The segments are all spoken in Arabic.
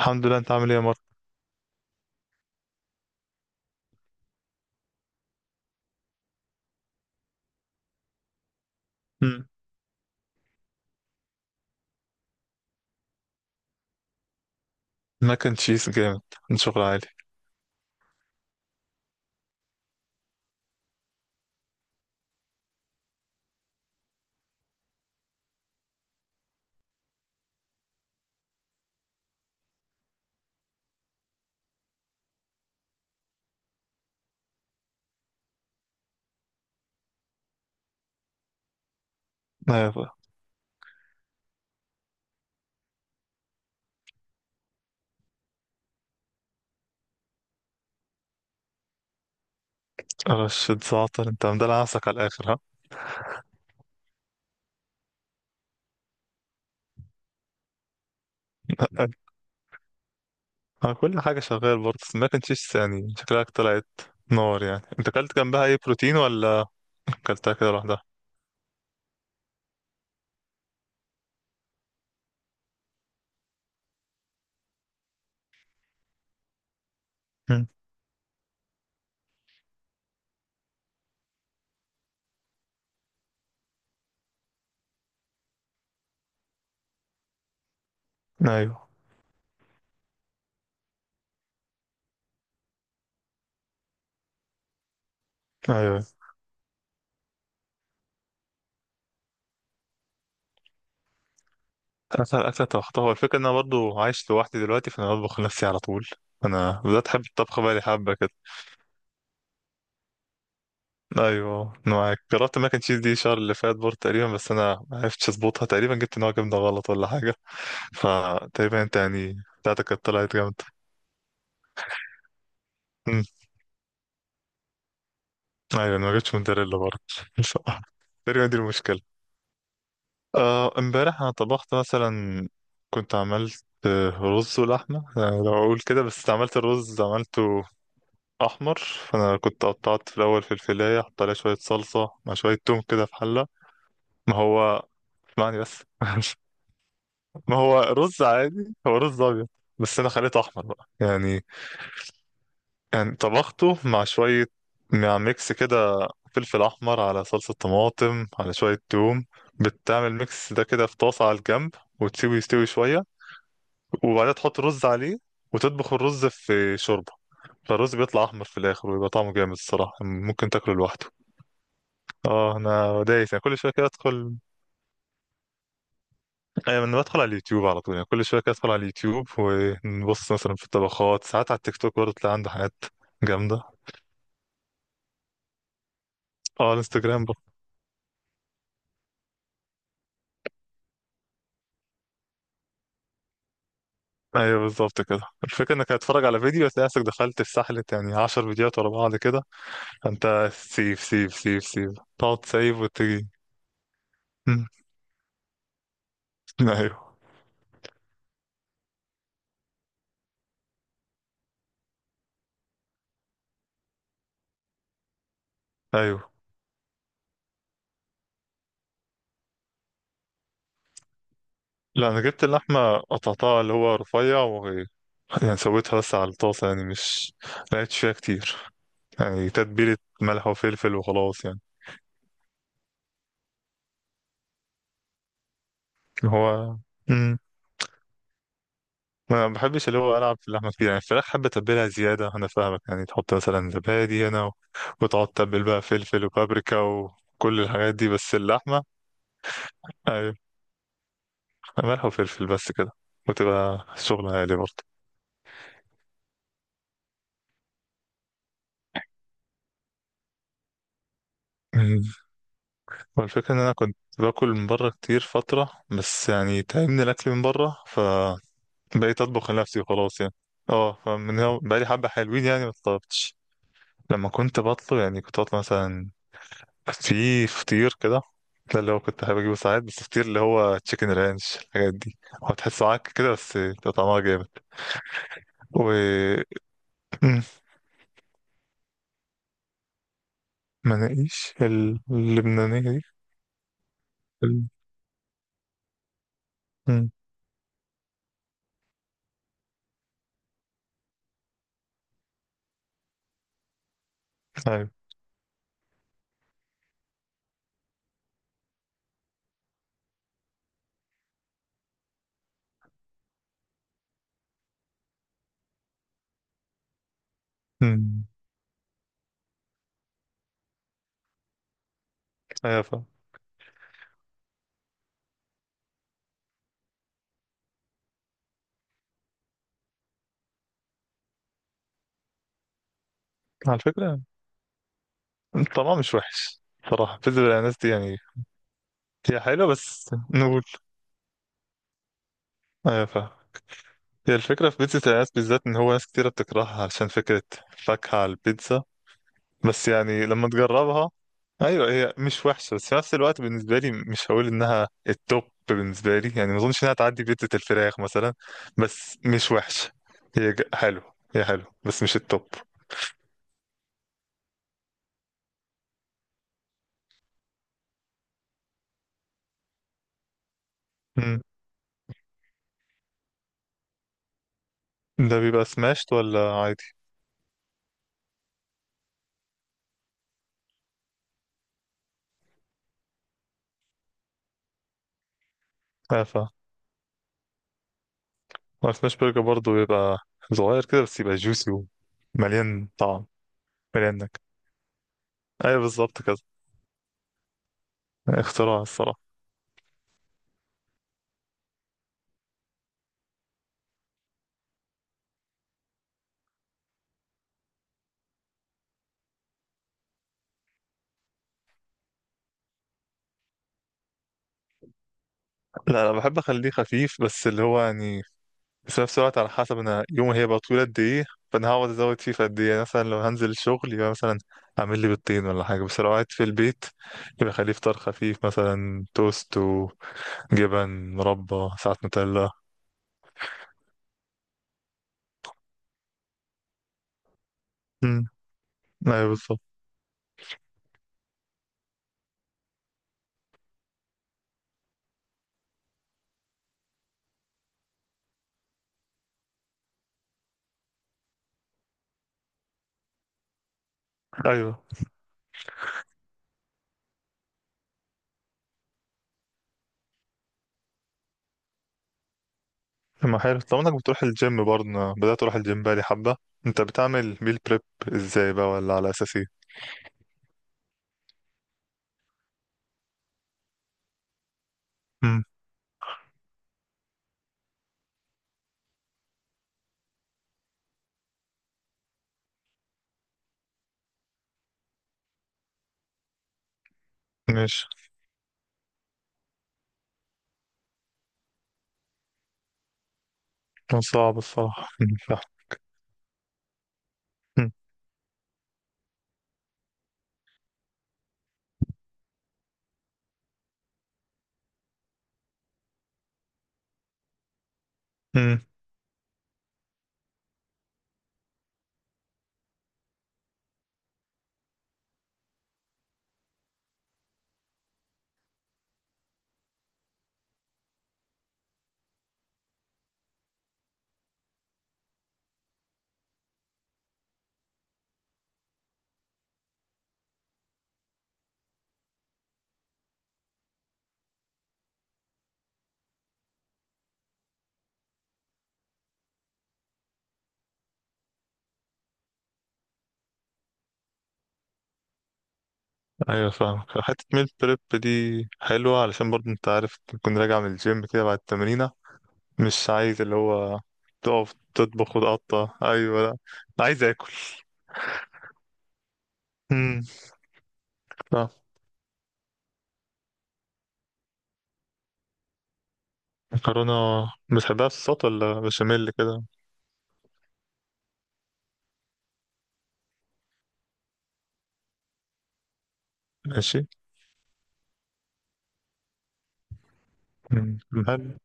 الحمد لله. انت عامل ايه يا مارك؟ مم. ماك اند تشيز جامد. من شغل عالي. ايوه. رشة زعتر، انت مدلع نفسك على الاخر ها. ها، كل حاجة شغال برضه، بس ماك اند تشيز يعني شكلك طلعت نار. يعني انت اكلت جنبها اي بروتين ولا اكلتها كده لوحدها؟ مم. ايوه، ايوه. اكتر اكله طبختها، هو الفكره ان انا برضه عايش لوحدي دلوقتي، فانا بطبخ لنفسي على طول. انا بدات احب الطبخ بقالي حبه كده. ايوه، أنا معاك. جربت ماك اند تشيز دي الشهر اللي فات برضه تقريبا، بس انا ما عرفتش اظبطها، تقريبا جبت نوع جبنه غلط ولا حاجه، فتقريبا انت يعني بتاعتك كانت طلعت جامده. أمم، ايوه انا ما جبتش موتزاريلا برضه. تقريبا دي المشكله. امبارح انا طبخت مثلا، كنت عملت رز ولحمه. أنا لو اقول كده، بس عملت الرز عملته احمر. فانا كنت قطعت في الاول في الفلايه، حط عليها شويه صلصه مع شويه توم كده في حله. ما هو اسمعني بس. ما هو رز عادي، هو رز ابيض، بس انا خليته احمر بقى يعني. يعني طبخته مع شويه، مع ميكس كده، فلفل احمر على صلصه طماطم على شويه توم. بتعمل ميكس ده كده في طاسه على الجنب، وتسيبه يستوي شويه، وبعدها تحط رز عليه، وتطبخ الرز في شوربه، فالرز بيطلع احمر في الاخر ويبقى طعمه جامد الصراحه، ممكن تاكله لوحده. اه انا دايس يعني، كل شويه كده ادخل. ايوه، انا بدخل على اليوتيوب على طول، يعني كل شويه كده ادخل على اليوتيوب ونبص مثلا في الطبخات، ساعات على التيك توك برضه تلاقي عنده حاجات جامده. اه الانستجرام برضه. ايوه بالظبط كده، الفكره انك هتتفرج على فيديو، هتلاقي نفسك دخلت في سحله، يعني 10 فيديوهات ورا بعض كده، فانت سيف سيف سيف سيف، تقعد سيف وتيجي. مم. ايوه. ايوه. لا، انا جبت اللحمه قطعتها اللي هو رفيع، و يعني سويتها بس على الطاسه، يعني مش، ما لقيتش فيها كتير يعني، تتبيله ملح وفلفل وخلاص يعني. اللي هو، ما بحبش اللي هو العب في اللحمه كتير، يعني الفراخ حابه تتبلها زياده، انا فاهمك، يعني تحط مثلا زبادي هنا و... وتقعد تتبل بقى فلفل وبابريكا وكل الحاجات دي، بس اللحمه. ايوه، ملح وفلفل بس كده، وتبقى شغلة عالي برضه. أمم. والفكرة إن أنا كنت باكل من بره كتير فترة، بس يعني تعبني الأكل من بره، فبقيت أطبخ لنفسي وخلاص يعني. اه فمن هو بقالي حبة حلوين، يعني ما طلبتش. لما كنت بطلب، يعني كنت بطلب مثلا في فطير كده، ده اللي هو كنت حابب اجيبه ساعات، بس فطير اللي هو تشيكن رانش الحاجات دي، هو تحسه عك كده، بس بيبقى طعمها جامد. و مم، مناقيش اللبنانية دي. ال- مم، ايوه. مم، ايوه فاهم. على فكرة، طعمها مش وحش صراحة. بيتزا الأناناس دي يعني هي حلوة بس نقول، ايوه فاهم. هي الفكرة في بيتزا الأناناس بالذات، إن هو ناس كتيرة بتكرهها عشان فكرة فاكهة على البيتزا، بس يعني لما تجربها. ايوه هي مش وحشه، بس في نفس الوقت بالنسبه لي مش هقول انها التوب بالنسبه لي، يعني ما اظنش انها تعدي بيتزا الفراخ مثلا، بس مش وحشه. هي حلو، هي حلو بس مش التوب. مم. ده بيبقى سماشت ولا عادي؟ اه ف سماش برجر برضه بيبقى صغير كده، بس يبقى جوسي ومليان طعم، مليان نكهه. ايوه بالظبط كده، اختراع الصراحه. لا، انا بحب اخليه خفيف، بس اللي هو يعني، بس في نفس الوقت على حسب انا يومي هيبقى طويل قد ايه، فانا هقعد ازود فيه في قد ايه، يعني مثلا لو هنزل الشغل يبقى مثلا اعمل لي بيضتين ولا حاجه، بس لو قاعد في البيت يبقى خليه فطار خفيف، مثلا توست وجبن، مربى، ساعات نوتيلا. امم ايوه بالظبط. ايوه ما حلو طب انك بتروح الجيم برضه، أنا بدات اروح الجيم بقالي حبه. انت بتعمل ميل بريب ازاي بقى، ولا على اساس ايه؟ امم ماشي. كان صعب الصراحه، صح. أمم. ايوه فاهمك، حته ميل بريب دي حلوه، علشان برضه انت عارف تكون راجع من الجيم كده بعد التمرينه، مش عايز اللي هو تقف تطبخ وتقطع، ايوه، لا أنا عايز اكل. امم لا مكرونه. بتحبها في الصوت ولا بشاميل كده؟ ماشي. مم. حلو،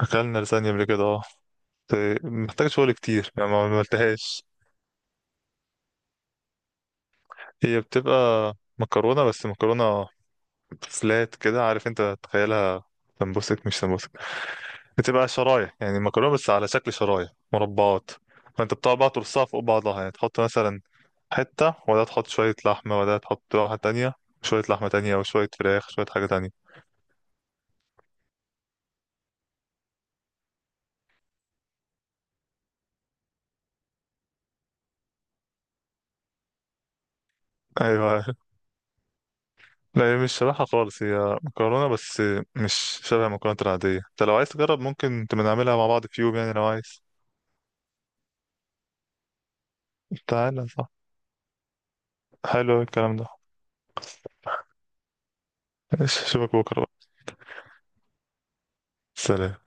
اكلنا لازانيا قبل كده اه، بس محتاج شغل كتير يعني ما عملتهاش. هي بتبقى مكرونه، بس مكرونه فلات كده، عارف انت تخيلها، سمبوسك مش سمبوسك، بتبقى شرايح، يعني مكرونه بس على شكل شرايح مربعات. فانت بتقعد بقى ترصها فوق بعضها، يعني تحط مثلا حته، وده تحط شويه لحمه، وده تحط واحده تانية، شويه لحمه تانية، وشويه فراخ، شويه حاجه تانية. ايوه. لا هي مش شبهها خالص، هي مكرونه بس مش شبه المكرونه العاديه. انت لو عايز تجرب، ممكن تبقى نعملها مع بعض في يوم، يعني لو عايز. تعالى صح، حلو الكلام ده. ماشي، اشوفك بكره بقى. سلام.